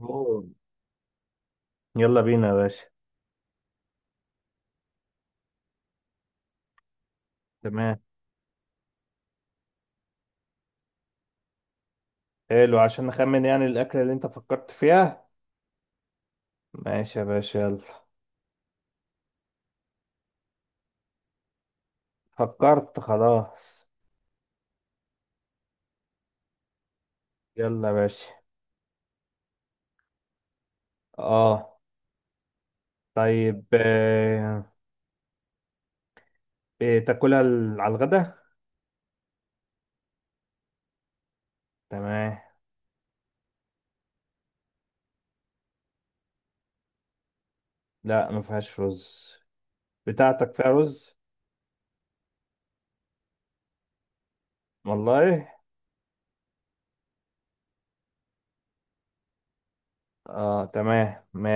أوه. يلا بينا يا باشا. تمام. حلو عشان نخمن يعني الأكلة اللي أنت فكرت فيها. ماشي يا باشا يلا. فكرت خلاص. يلا يا باشا. اه، طيب. آه. إيه تاكلها على الغدا؟ تمام. لا، ما فيهاش رز. بتاعتك فيها رز. والله. اه، تمام. ما...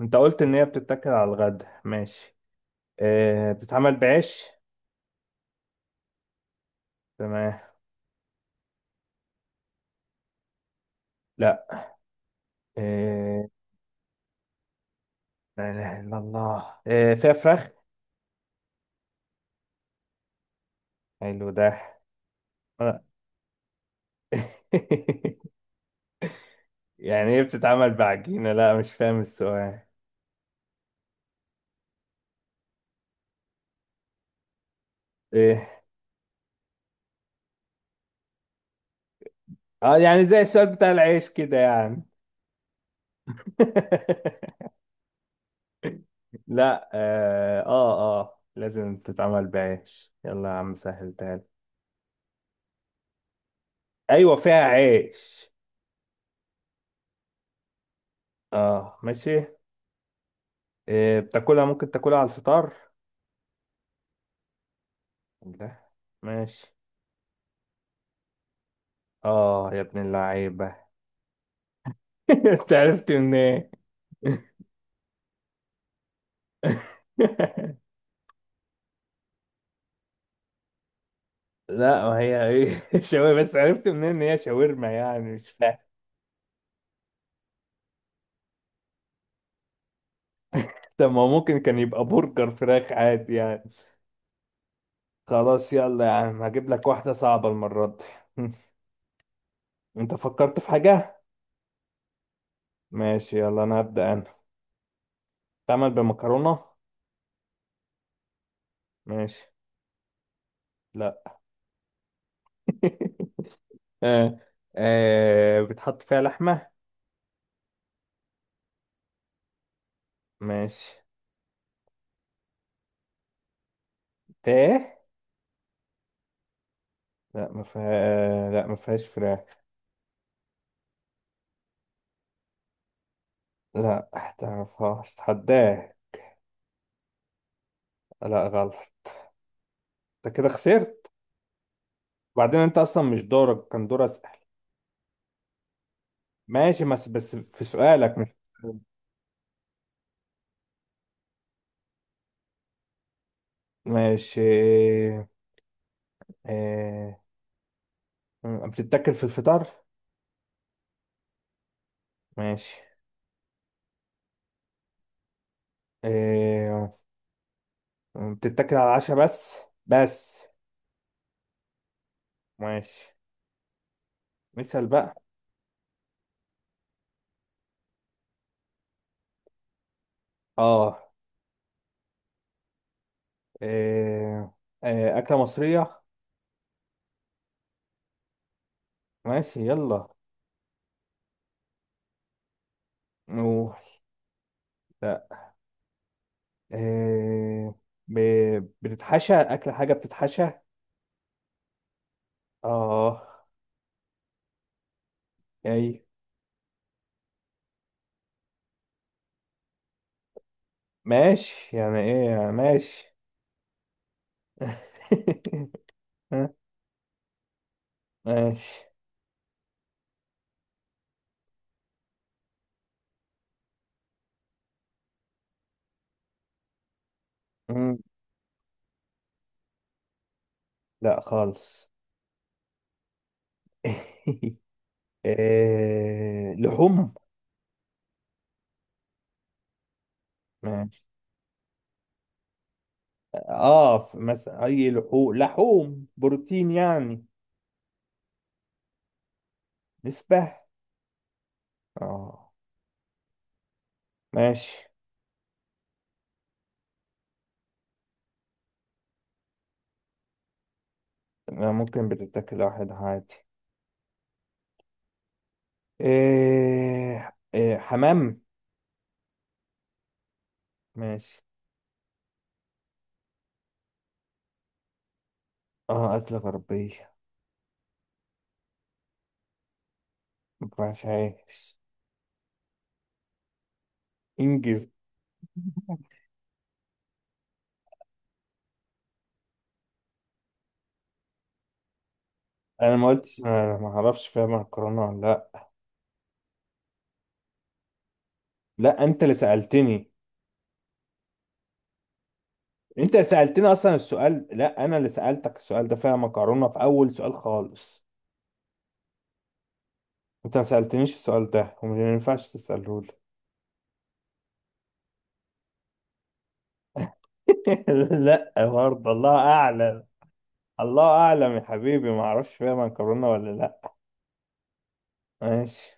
انت قلت ان هي بتتاكل على الغدا. ماشي. آه. بتتعمل بعيش؟ تمام. لا. آه. لا إله إلا الله. آه. فيها فراخ. حلو ده. آه. يعني ايه بتتعمل بعجينة؟ لا، مش فاهم السؤال. ايه؟ اه، يعني زي السؤال بتاع العيش كده يعني. لا اه اه. آه. لازم تتعمل بعيش؟ يلا يا عم سهل تاني. ايوه، فيها عيش. اه، ماشي. إيه بتاكلها؟ ممكن تاكلها على الفطار؟ لا. ماشي. اه يا ابن اللعيبة. انت عرفت منين؟ لا، ما هي ايه، شاورما. بس عرفت منين ان هي شاورما يعني؟ مش فاهم. طب ما هو ممكن كان يبقى برجر فراخ عادي يعني. خلاص، يلا يا عم هجيب لك واحدة صعبة المرة دي. انت فكرت في حاجة؟ ماشي يلا انا هبدأ انا. تعمل بمكرونة؟ ماشي. لا. آه. آه. بتحط فيها لحمة؟ ماشي. ايه؟ لا ما فيها. آه. لا ما فيهاش فراخ. لا تعرفهاش، اتحداه. لا غلط. انت كده خسرت. وبعدين انت اصلا مش دورك، كان دور اسأل. ماشي، بس في سؤالك مش ماشي. اه... آه، بتتاكل في الفطار؟ ماشي. اه... بتتاكل على العشاء بس؟ بس. ماشي. مثال بقى. اه، اه... اه... اكلة مصرية؟ ماشي يلا. نو. لا. اه... ب... بتتحشى اكل؟ حاجة بتتحشى؟ اه. اي؟ ماشي. يعني ايه يعني؟ ماشي. ها؟ ماشي. مم. لا خالص. آه، لحوم. ماشي. اه، مثلا اي لحوم؟ لحوم بروتين يعني؟ نسبة اه. ماشي. لا، ممكن بتتاكل واحد عادي. آه، آه، حمام. ماشي. اه، أكلة غربية. ما ينفعش عايش. انجز. انا ما قلتش، انا ما اعرفش فيها مكرونة ولا لا. لا انت اللي سألتني. انت سألتني اصلا السؤال، لا انا اللي سألتك السؤال ده فيها مكرونة في اول سؤال خالص. انت ما سألتنيش السؤال ده وما ينفعش تسأله لي. لا برضه، الله اعلم. الله اعلم يا حبيبي، ما اعرفش فيها مكرونة ولا لا. ماشي.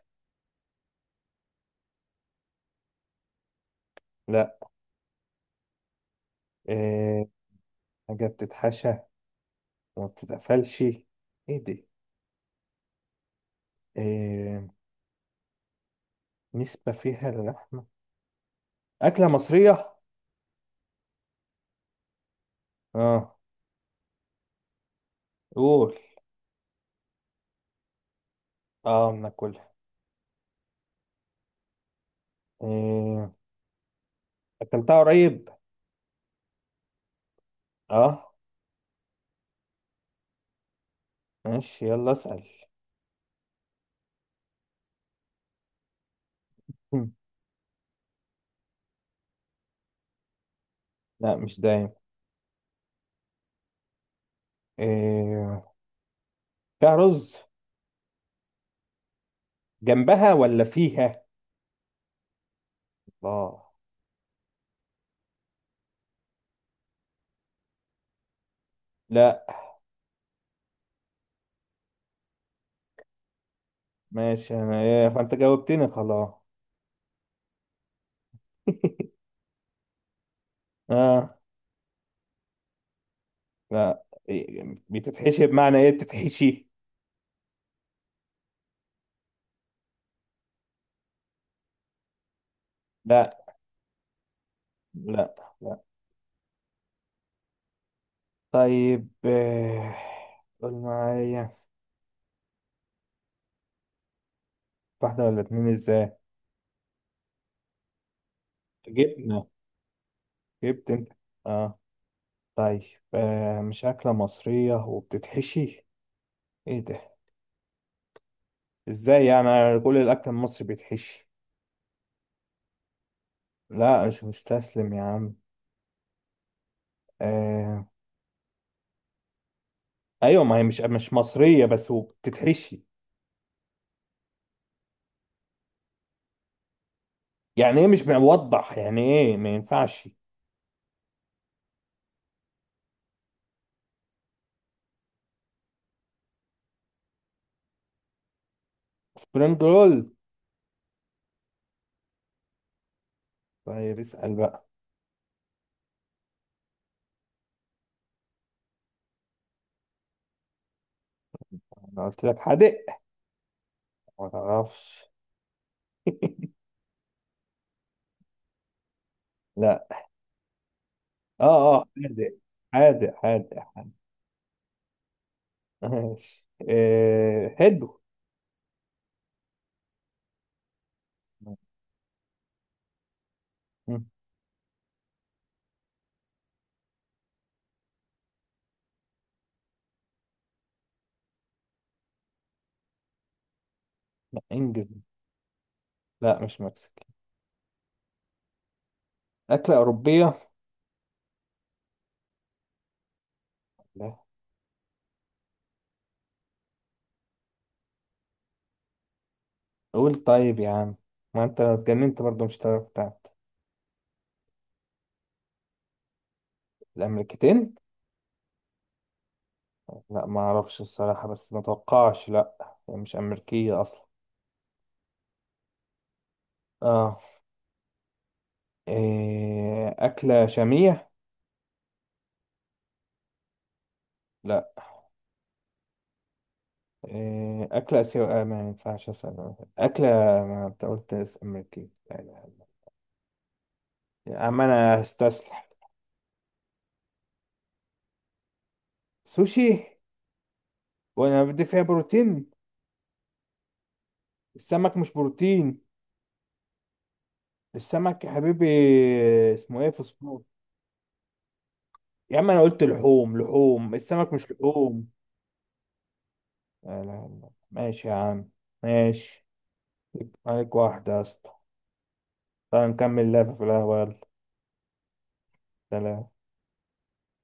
لا. إيه حاجة بتتحشى وما بتتقفلش، ايه دي؟ إيه نسبة فيها للحمة؟ أكلة مصرية؟ اه، قول. اه، بناكلها؟ إيه أكلتها قريب؟ اه، ماشي يلا اسأل. لا مش دايم. إيه... فيها رز جنبها ولا فيها؟ الله. لا. ماشي. انا ايه فانت جاوبتني خلاص. اه. لا. إيه... بتتحشي بمعنى ايه بتتحشي؟ لا لا لا. طيب إيه... قول معايا. واحدة ولا اتنين ازاي؟ جبنة. جبت انت. اه. طيب. آه، مش أكلة مصرية وبتتحشي، ايه ده؟ ازاي يعني، أنا كل الأكل المصري بيتحشي. لا مش مستسلم يا عم. آه. ايوه، ما هي مش، مصريه بس وبتتحشي. يعني ايه مش موضح، يعني ايه ما ينفعش. سبرينج رول. طيب اسال بقى. انا قلت لك حادق. ما تعرفش. لا اه اه حادق. حادق حادق حادق. ماشي آه حلو. مم. لا، انجز. لا مش مكسيكي. اكله اوروبيه. لا. قول طيب يا عم. ما انت لو اتجننت برضه مش هتعرف بتاعت الامريكتين. لا ما اعرفش الصراحه، بس ما اتوقعش، لا هي مش امريكيه اصلا. اه. إيه أكلة شامية؟ لا. إيه أكلة آسيوية؟ آه، ما ينفعش أسأل أكلة. ما أنت قلت أمريكية لا لا لا. يا عم أنا هستسلم. سوشي. وأنا بدي فيها بروتين. السمك مش بروتين. السمك يا حبيبي اسمه إيه، فوسفور. يا عم أنا قلت لحوم، لحوم السمك مش لحوم. لا لا لا. ماشي يا عم. ماشي. عليك واحدة يا اسطى. تعال نكمل لعبة في القهوة يلا. سلام.